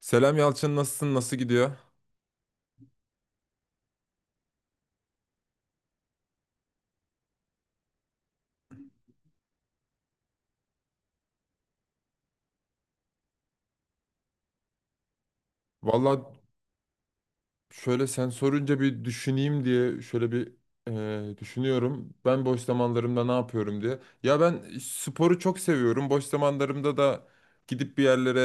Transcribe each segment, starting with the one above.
Selam Yalçın, nasılsın, nasıl gidiyor? Valla şöyle, sen sorunca bir düşüneyim diye şöyle bir düşünüyorum. Ben boş zamanlarımda ne yapıyorum diye. Ya ben sporu çok seviyorum. Boş zamanlarımda da gidip bir yerlere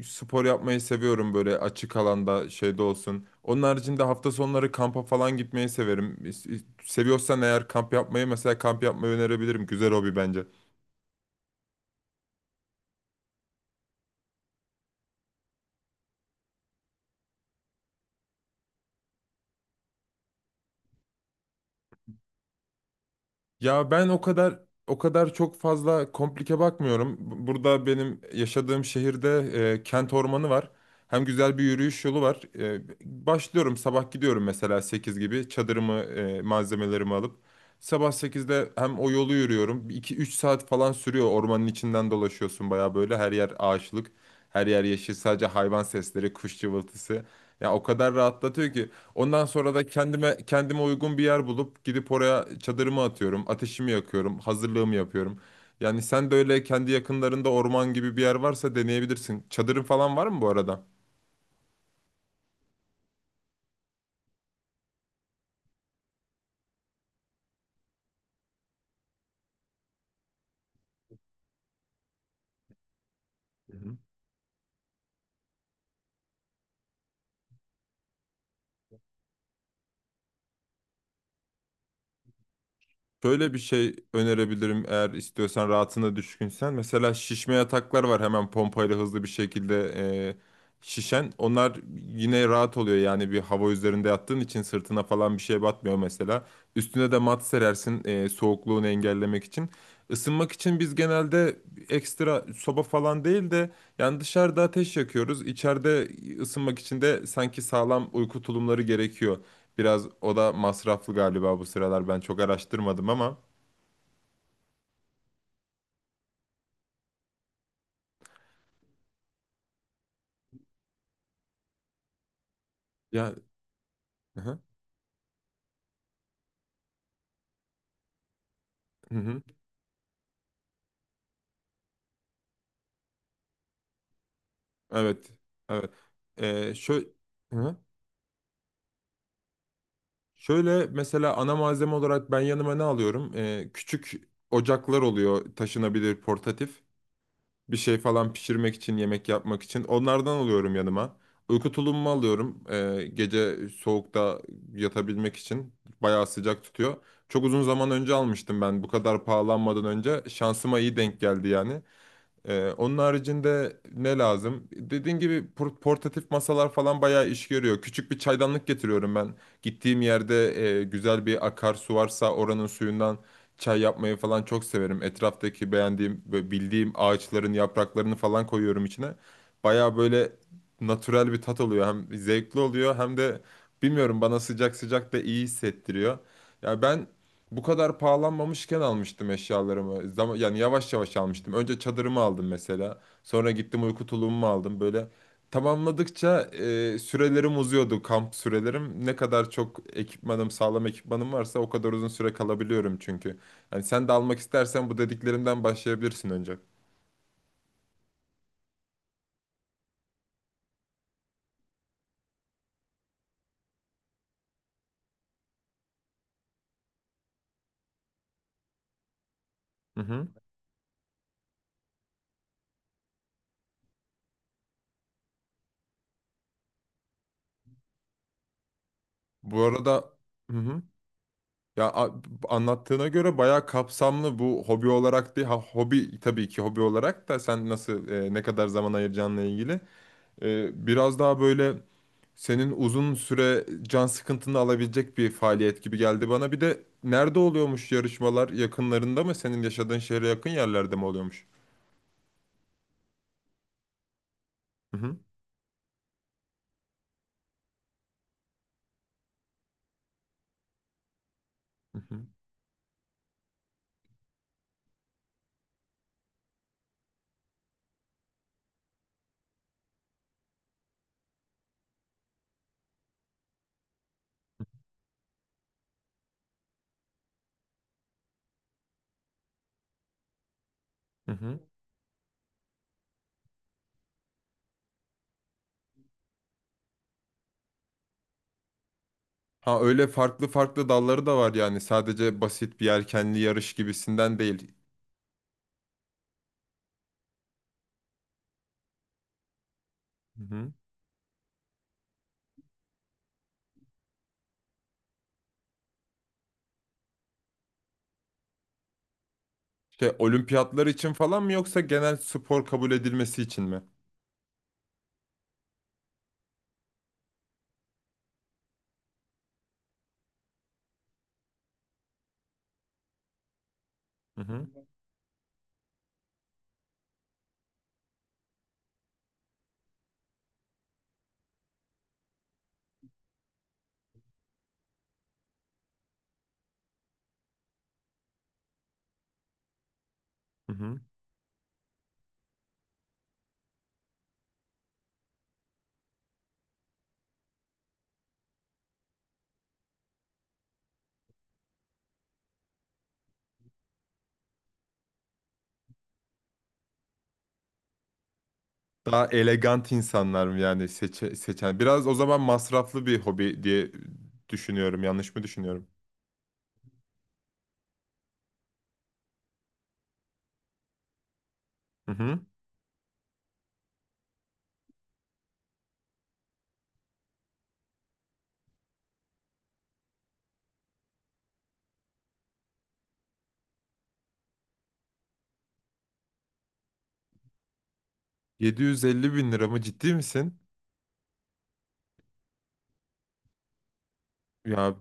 spor yapmayı seviyorum, böyle açık alanda şeyde olsun. Onun haricinde hafta sonları kampa falan gitmeyi severim. Seviyorsan eğer kamp yapmayı, mesela kamp yapmayı önerebilirim. Güzel hobi bence. Ya ben o kadar çok fazla komplike bakmıyorum. Burada benim yaşadığım şehirde kent ormanı var. Hem güzel bir yürüyüş yolu var. Başlıyorum, sabah gidiyorum mesela 8 gibi çadırımı, malzemelerimi alıp sabah sekizde hem o yolu yürüyorum. 2 üç saat falan sürüyor. Ormanın içinden dolaşıyorsun, baya böyle her yer ağaçlık, her yer yeşil, sadece hayvan sesleri, kuş cıvıltısı. Ya o kadar rahatlatıyor ki ondan sonra da kendime uygun bir yer bulup gidip oraya çadırımı atıyorum, ateşimi yakıyorum, hazırlığımı yapıyorum. Yani sen de öyle kendi yakınlarında orman gibi bir yer varsa deneyebilirsin. Çadırın falan var mı bu arada? Şöyle bir şey önerebilirim, eğer istiyorsan, rahatına düşkünsen. Mesela şişme yataklar var, hemen pompayla hızlı bir şekilde e, şişen. Onlar yine rahat oluyor, yani bir hava üzerinde yattığın için sırtına falan bir şey batmıyor mesela. Üstüne de mat serersin soğukluğunu engellemek için. Isınmak için biz genelde ekstra soba falan değil de yani dışarıda ateş yakıyoruz. İçeride ısınmak için de sanki sağlam uyku tulumları gerekiyor. Biraz o da masraflı galiba bu sıralar. Ben çok araştırmadım ama. Ya, hı hı. Hı hı. Evet. Evet. Şö Hı hı. Şöyle mesela, ana malzeme olarak ben yanıma ne alıyorum? Küçük ocaklar oluyor, taşınabilir, portatif. Bir şey falan pişirmek için, yemek yapmak için. Onlardan alıyorum yanıma. Uyku tulumumu alıyorum. Gece soğukta yatabilmek için. Bayağı sıcak tutuyor. Çok uzun zaman önce almıştım ben. Bu kadar pahalanmadan önce. Şansıma iyi denk geldi yani. Onun haricinde ne lazım? Dediğin gibi portatif masalar falan bayağı iş görüyor. Küçük bir çaydanlık getiriyorum ben. Gittiğim yerde güzel bir akarsu varsa oranın suyundan çay yapmayı falan çok severim. Etraftaki beğendiğim ve bildiğim ağaçların yapraklarını falan koyuyorum içine. Bayağı böyle natürel bir tat oluyor. Hem zevkli oluyor hem de bilmiyorum, bana sıcak sıcak da iyi hissettiriyor. Ya ben bu kadar pahalanmamışken almıştım eşyalarımı. Zaman, yani yavaş yavaş almıştım. Önce çadırımı aldım mesela. Sonra gittim uyku tulumumu aldım. Böyle tamamladıkça sürelerim uzuyordu, kamp sürelerim. Ne kadar çok ekipmanım, sağlam ekipmanım varsa o kadar uzun süre kalabiliyorum çünkü. Yani sen de almak istersen bu dediklerimden başlayabilirsin önce. Hı hı. Bu arada hı hı. Ya a- Anlattığına göre bayağı kapsamlı, bu hobi olarak değil. Ha, hobi tabii ki, hobi olarak da sen nasıl, ne kadar zaman ayıracağınla ilgili. Biraz daha böyle senin uzun süre can sıkıntını alabilecek bir faaliyet gibi geldi bana. Bir de nerede oluyormuş yarışmalar? Yakınlarında mı? Senin yaşadığın şehre yakın yerlerde mi oluyormuş? Hı hı. Hı hı. Hı hı. Ha, öyle farklı farklı dalları da var yani. Sadece basit bir yelkenli yarış gibisinden değil. Şey, olimpiyatlar için falan mı, yoksa genel spor kabul edilmesi için mi? Hı hı. Hı hı. Daha elegant insanlar mı yani seçen? Biraz o zaman masraflı bir hobi diye düşünüyorum. Yanlış mı düşünüyorum? Hı hı. 750 bin lira mı, ciddi misin? Ya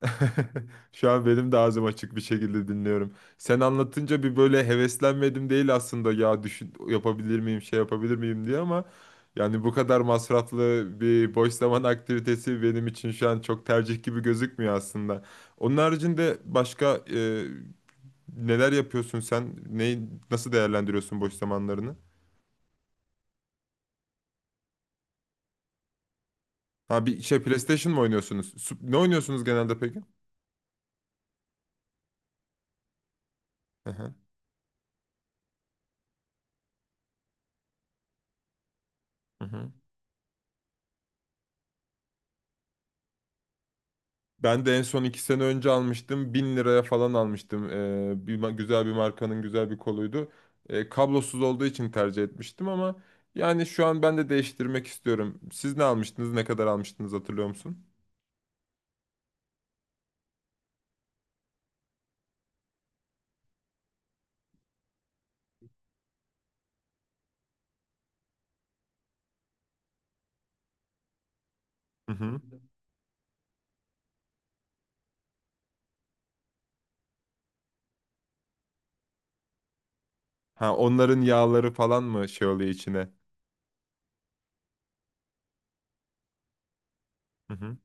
şu an benim de ağzım açık bir şekilde dinliyorum. Sen anlatınca bir böyle heveslenmedim değil aslında, ya düşün, yapabilir miyim, şey yapabilir miyim diye, ama yani bu kadar masraflı bir boş zaman aktivitesi benim için şu an çok tercih gibi gözükmüyor aslında. Onun haricinde başka neler yapıyorsun sen? Neyi nasıl değerlendiriyorsun boş zamanlarını? Ha bir şey, PlayStation mı oynuyorsunuz? Ne oynuyorsunuz genelde peki? Hı hı. Hı hı. Ben de en son iki sene önce almıştım. Bin liraya falan almıştım. Bir, güzel bir markanın güzel bir koluydu. Kablosuz olduğu için tercih etmiştim, ama yani şu an ben de değiştirmek istiyorum. Siz ne almıştınız? Ne kadar almıştınız, hatırlıyor musun? Hı hı. Ha, onların yağları falan mı şey oluyor içine? Hı hı.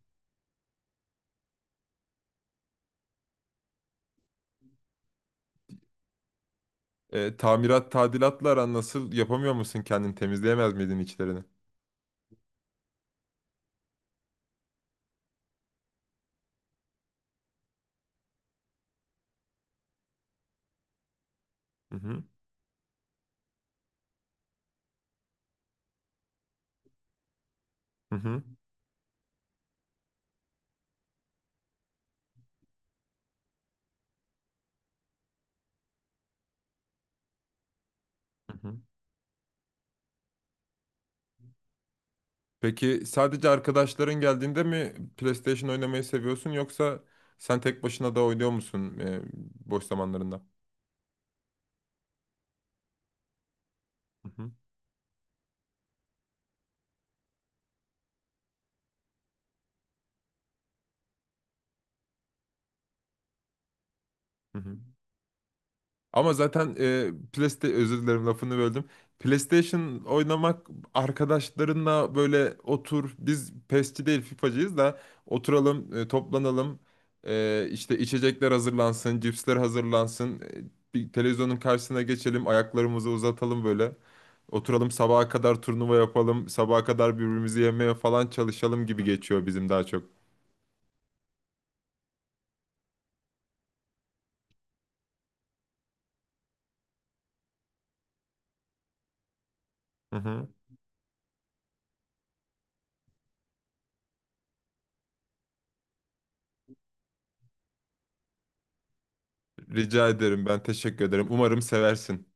Tamirat tadilatla aran nasıl? Yapamıyor musun kendini? Temizleyemez miydin içlerini? Hı hı. Hı hı. Hı hı. Peki sadece arkadaşların geldiğinde mi PlayStation oynamayı seviyorsun, yoksa sen tek başına da oynuyor musun boş zamanlarında? Hı hı, hı hı. Ama zaten PlayStation, özür dilerim, lafını böldüm. PlayStation oynamak arkadaşlarınla, böyle otur, biz PES'çi değil FIFA'cıyız da oturalım, toplanalım, işte içecekler hazırlansın, cipsler hazırlansın, bir televizyonun karşısına geçelim, ayaklarımızı uzatalım böyle. Oturalım sabaha kadar turnuva yapalım, sabaha kadar birbirimizi yemeye falan çalışalım gibi geçiyor bizim daha çok. Hı hı. Rica ederim, ben teşekkür ederim. Umarım seversin.